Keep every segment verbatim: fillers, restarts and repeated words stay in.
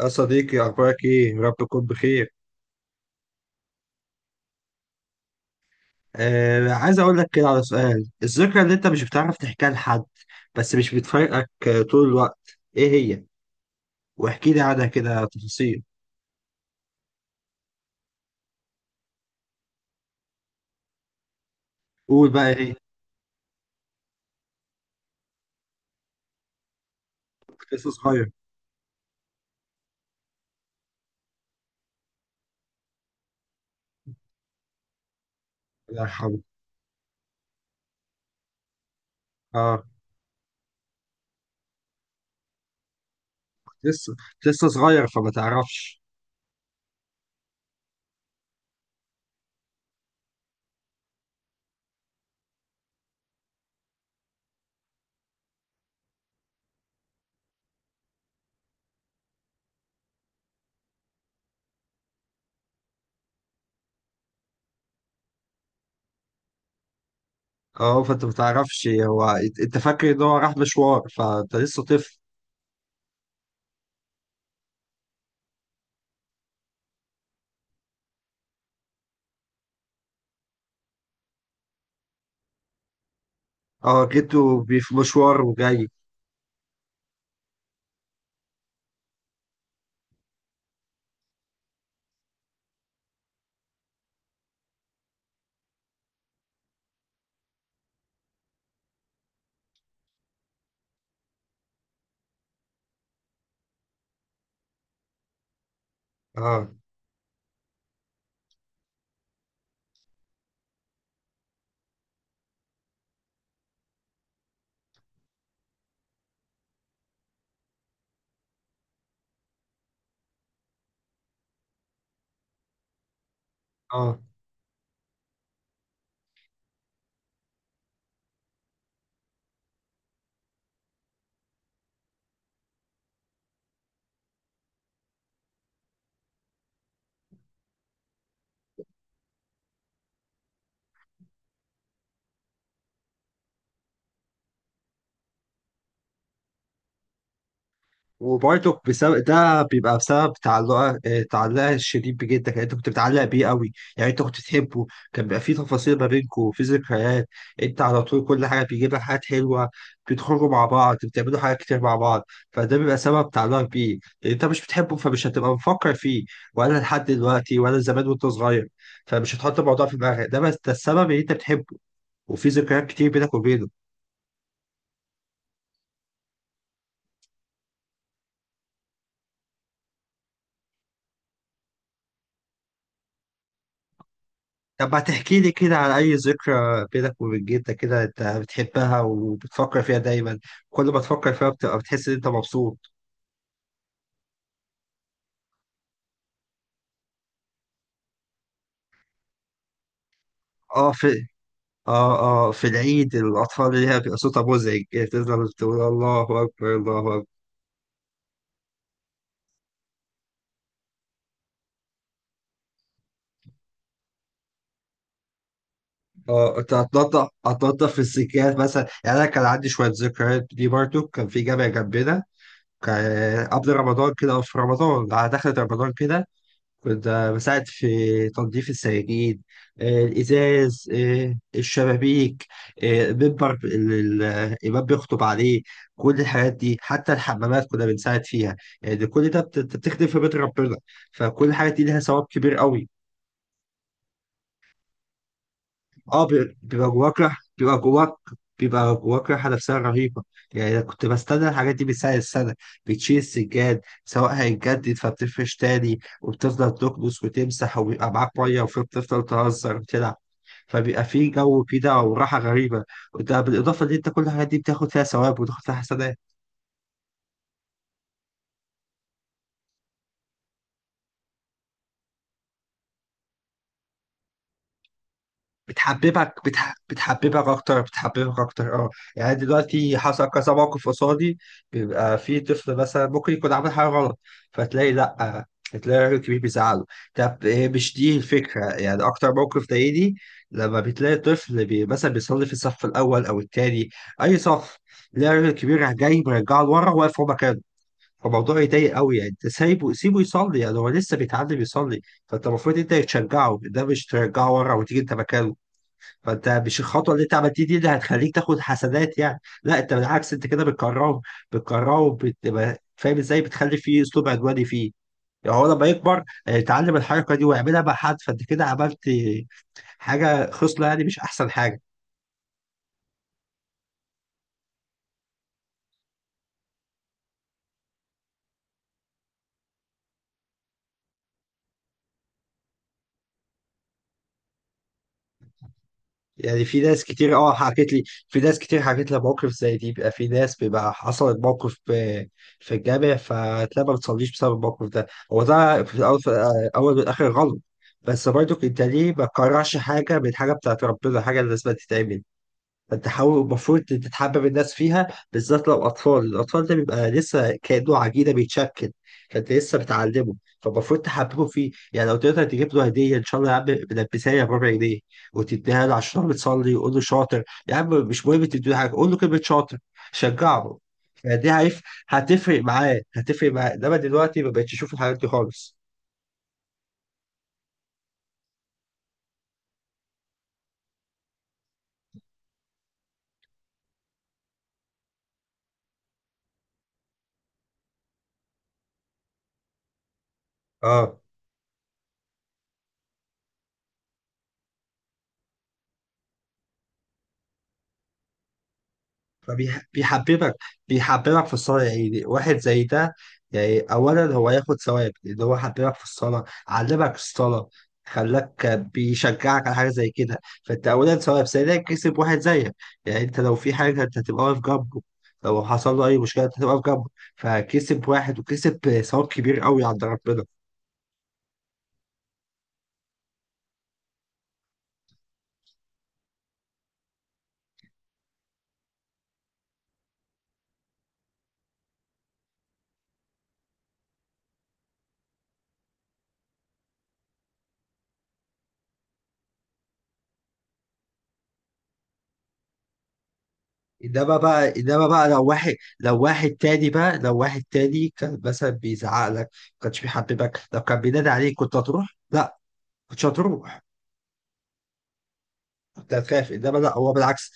يا صديقي أخبارك إيه؟ يا رب تكون بخير. آه، عايز أقول لك كده على سؤال، الذكرى اللي أنت مش بتعرف تحكيها لحد بس مش بتفارقك آه، طول الوقت، إيه هي؟ واحكي لي عنها كده تفاصيل، قول بقى إيه؟ كنت لسه صغير، الله يرحمه. آه كنت لسه كنت لسه صغير فما تعرفش، أه فأنت ما تعرفش هو أنت أنت فاكر إن هو راح مشوار فأنت لسه طفل، أه جيته بي- في مشوار وجاي، أه. أه. وبرضه بسبب ده بيبقى بسبب تعلقها آه، تعلقها الشديد بجدك، يعني انت كنت بتعلق بيه قوي، يعني انت كنت بتحبه. كان بيبقى في تفاصيل ما بينكم في ذكريات، انت على طول كل حاجه بيجيب لك حاجات حلوه، بتخرجوا مع بعض بتعملوا حاجات كتير مع بعض. فده بيبقى سبب تعلقك بيه، لان انت مش بتحبه فمش هتبقى مفكر فيه ولا لحد دلوقتي ولا زمان وانت صغير. فمش هتحط الموضوع في دماغك ده، بس ده السبب ان انت بتحبه، وفي ذكريات كتير بينك وبينه. طب هتحكي لي كده على أي ذكرى بينك وبين جدك كده أنت بتحبها وبتفكر فيها دايما، كل ما تفكر فيها بتبقى بتحس إن أنت مبسوط. أه في. أه. أه في العيد الأطفال اللي هي بيبقى صوتها مزعج، تفضل تقول الله أكبر الله أكبر. أه أنت هتنضف، هتنضف السجاد مثلا. يعني أنا كان عندي شوية ذكريات دي برضو، كان في جامع جنبنا، كان قبل رمضان كده أو في رمضان على دخلة رمضان كده، كنت بساعد في تنظيف السجاجيد آه، الإزاز آه، الشبابيك آه، بيبر ال- ال- الإمام بيخطب عليه. كل الحاجات دي حتى الحمامات كنا بنساعد فيها، يعني كل ده بت- بت- بتخدم في بيت ربنا، فكل الحاجات دي لها ثواب كبير قوي. اه بي- بيبقى جواك رح بيبقى جواك بيبقى جواك رحلة نفسية رهيبة. يعني أنا كنت بستنى الحاجات دي من سنة لسنة، بتشيل السجاد سواء هيتجدد فبتفرش تاني وبتفضل تكنس وتمسح، وبيبقى معاك مية وبتفضل تهزر وتلعب، فبيبقى في جو كده وراحة غريبة. وده بالإضافة إن أنت كل الحاجات دي بتاخد فيها ثواب وتاخد فيها حسنات. بتحببك، بتح... بتحببك اكتر، بتحببك اكتر اه يعني دلوقتي حصل كذا موقف قصادي، بيبقى في طفل مثلا ممكن يكون عامل حاجه غلط، فتلاقي لا، تلاقي راجل كبير بيزعله. طب إيه مش دي الفكره؟ يعني اكتر موقف ضايقني لما بتلاقي طفل بي... مثلا بيصلي في الصف الاول او التاني، اي صف، تلاقي راجل كبير جاي مرجعه لورا واقف في مكانه. فالموضوع يضايق قوي، يعني انت سايبه سيبه يصلي، يعني هو لسه بيتعلم يصلي. فانت المفروض انت تشجعه، ده مش ترجعه ورا وتيجي انت مكانه. فانت مش الخطوه اللي انت عملتيه دي اللي هتخليك تاخد حسنات، يعني لا انت بالعكس، انت كده بتكرهه، بتكرهه بتبقى فاهم ازاي؟ بتخلي فيه اسلوب عدواني فيه، يعني هو لما يكبر آه، يتعلم الحركه دي ويعملها مع حد، فانت كده عملت حاجه خصله، يعني مش احسن حاجه. يعني في ناس كتير اه حكت لي، في ناس كتير حكت لي مواقف زي دي، بيبقى في ناس بيبقى حصلت موقف في في الجامع فتلاقي ما بتصليش بسبب الموقف ده. هو ده في الاول في الاول والاخر غلط. بس برضو انت ليه ما تكرهش حاجه من حاجه بتاعت ربنا؟ حاجه لازم تتعمل، تحاول، المفروض تتحبب الناس فيها، بالذات لو أطفال. الأطفال ده بيبقى لسه كأنه عجينة بيتشكل، فأنت لسه بتعلمه، فالمفروض تحببه فيه. يعني لو تقدر تجيب له هدية إن شاء الله يا عم بلبسها بربع جنيه وتديها له عشان هو بتصلي وقول له شاطر، يا عم مش مهم تديله حاجة، قول له كلمة شاطر، شجعه. فدي، عارف، هتفرق معاه، هتفرق معاه إنما دلوقتي ما بقتش أشوف الحاجات دي خالص. اه فبيحببك، بيحببك في الصلاة، يعني واحد زي ده، يعني أولا هو ياخد ثواب لأن هو حببك في الصلاة، علمك الصلاة، خلاك بيشجعك على حاجة زي كده. فأنت أولا ثواب، ثانيا كسب واحد زيك، يعني أنت لو في حاجة أنت هتبقى واقف جنبه، لو حصل له أي مشكلة أنت هتبقى واقف جنبه، فكسب واحد وكسب ثواب كبير قوي عند ربنا. انما بقى، انما بقى لو واحد، لو واحد تاني بقى، لو واحد تاني كان مثلا بيزعق لك، ما كانش بيحببك، لو كان بينادي عليك كنت هتروح؟ لا، كنتش هتروح، كنت هتخاف. انما لا، هو بالعكس،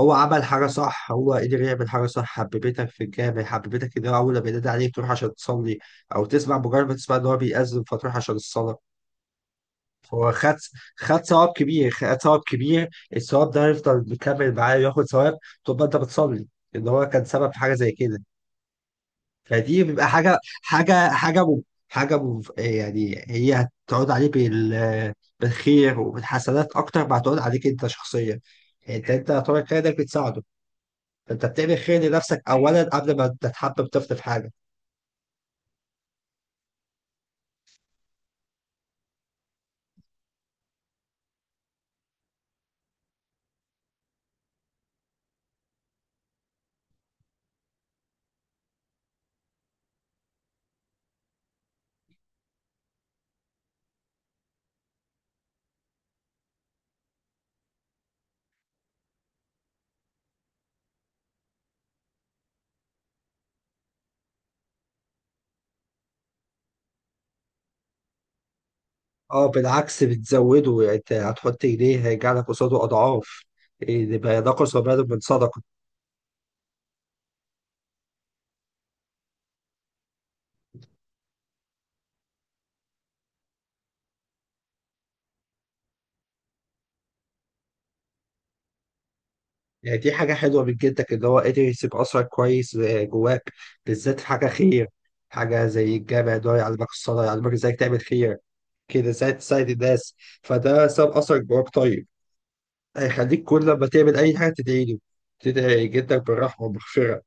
هو عمل حاجه صح، هو قدر يعمل حاجه صح، حببتك في الجامع، حببتك ان هو اول ما ينادي عليك تروح عشان تصلي، او تسمع، مجرد ما تسمع ان هو بيأذن فتروح عشان الصلاه. هو خد، خد ثواب كبير، خد ثواب كبير الثواب ده هيفضل مكمل معاه وياخد ثواب طول ما انت بتصلي، ان هو كان سبب في حاجه زي كده. فدي بيبقى حاجه، حاجه حاجه م- حاجه م- يعني هي هتقعد عليك بال بالخير وبالحسنات اكتر ما هتقعد عليك انت شخصيا. يعني انت انت طريق خير، ده بتساعده، فانت بتعمل خير لنفسك اولا قبل ما تتحبب طفل في حاجه. اه بالعكس بتزوده، يعني انت هتحط ايديه هيرجع لك قصاده اضعاف، إيه، يبقى ينقص وبال من صدقه. يعني دي حاجه حلوه من جدك ان هو قدر يسيب اثرك كويس آه، جواك، بالذات في حاجه خير، حاجه زي الجامع ده يعلمك الصلاه يعلمك ازاي تعمل خير كده ساعة ساعة الناس. فده ساب أثر جواك طيب، هيخليك كل لما تعمل أي حاجة تدعي له، تدعي جدك بالرحمة والمغفرة.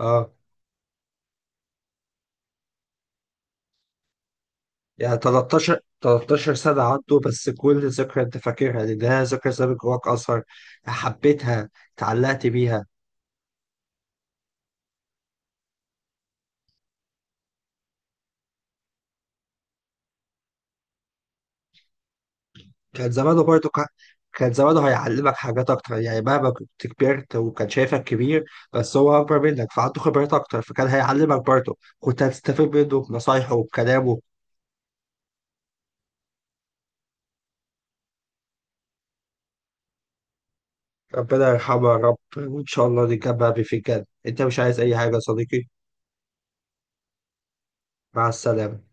اه يعني تلتاشر 13 سنة عنده، بس كل ذكرى أنت فاكرها لأنها ذكرى سابت جواك أثر، حبيتها، اتعلقت بيها. كان زمانه برضه ك- كان زمانه هيعلمك حاجات أكتر، يعني مهما كنت كبرت وكان شايفك كبير بس هو أكبر منك فعنده خبرات أكتر، فكان هيعلمك برضه، كنت هتستفيد منه بنصايحه وبكلامه. ربنا يرحمه يا رب وإن شاء الله نتجمع بيه في الجنة. أنت مش عايز أي حاجة يا صديقي؟ مع السلامة.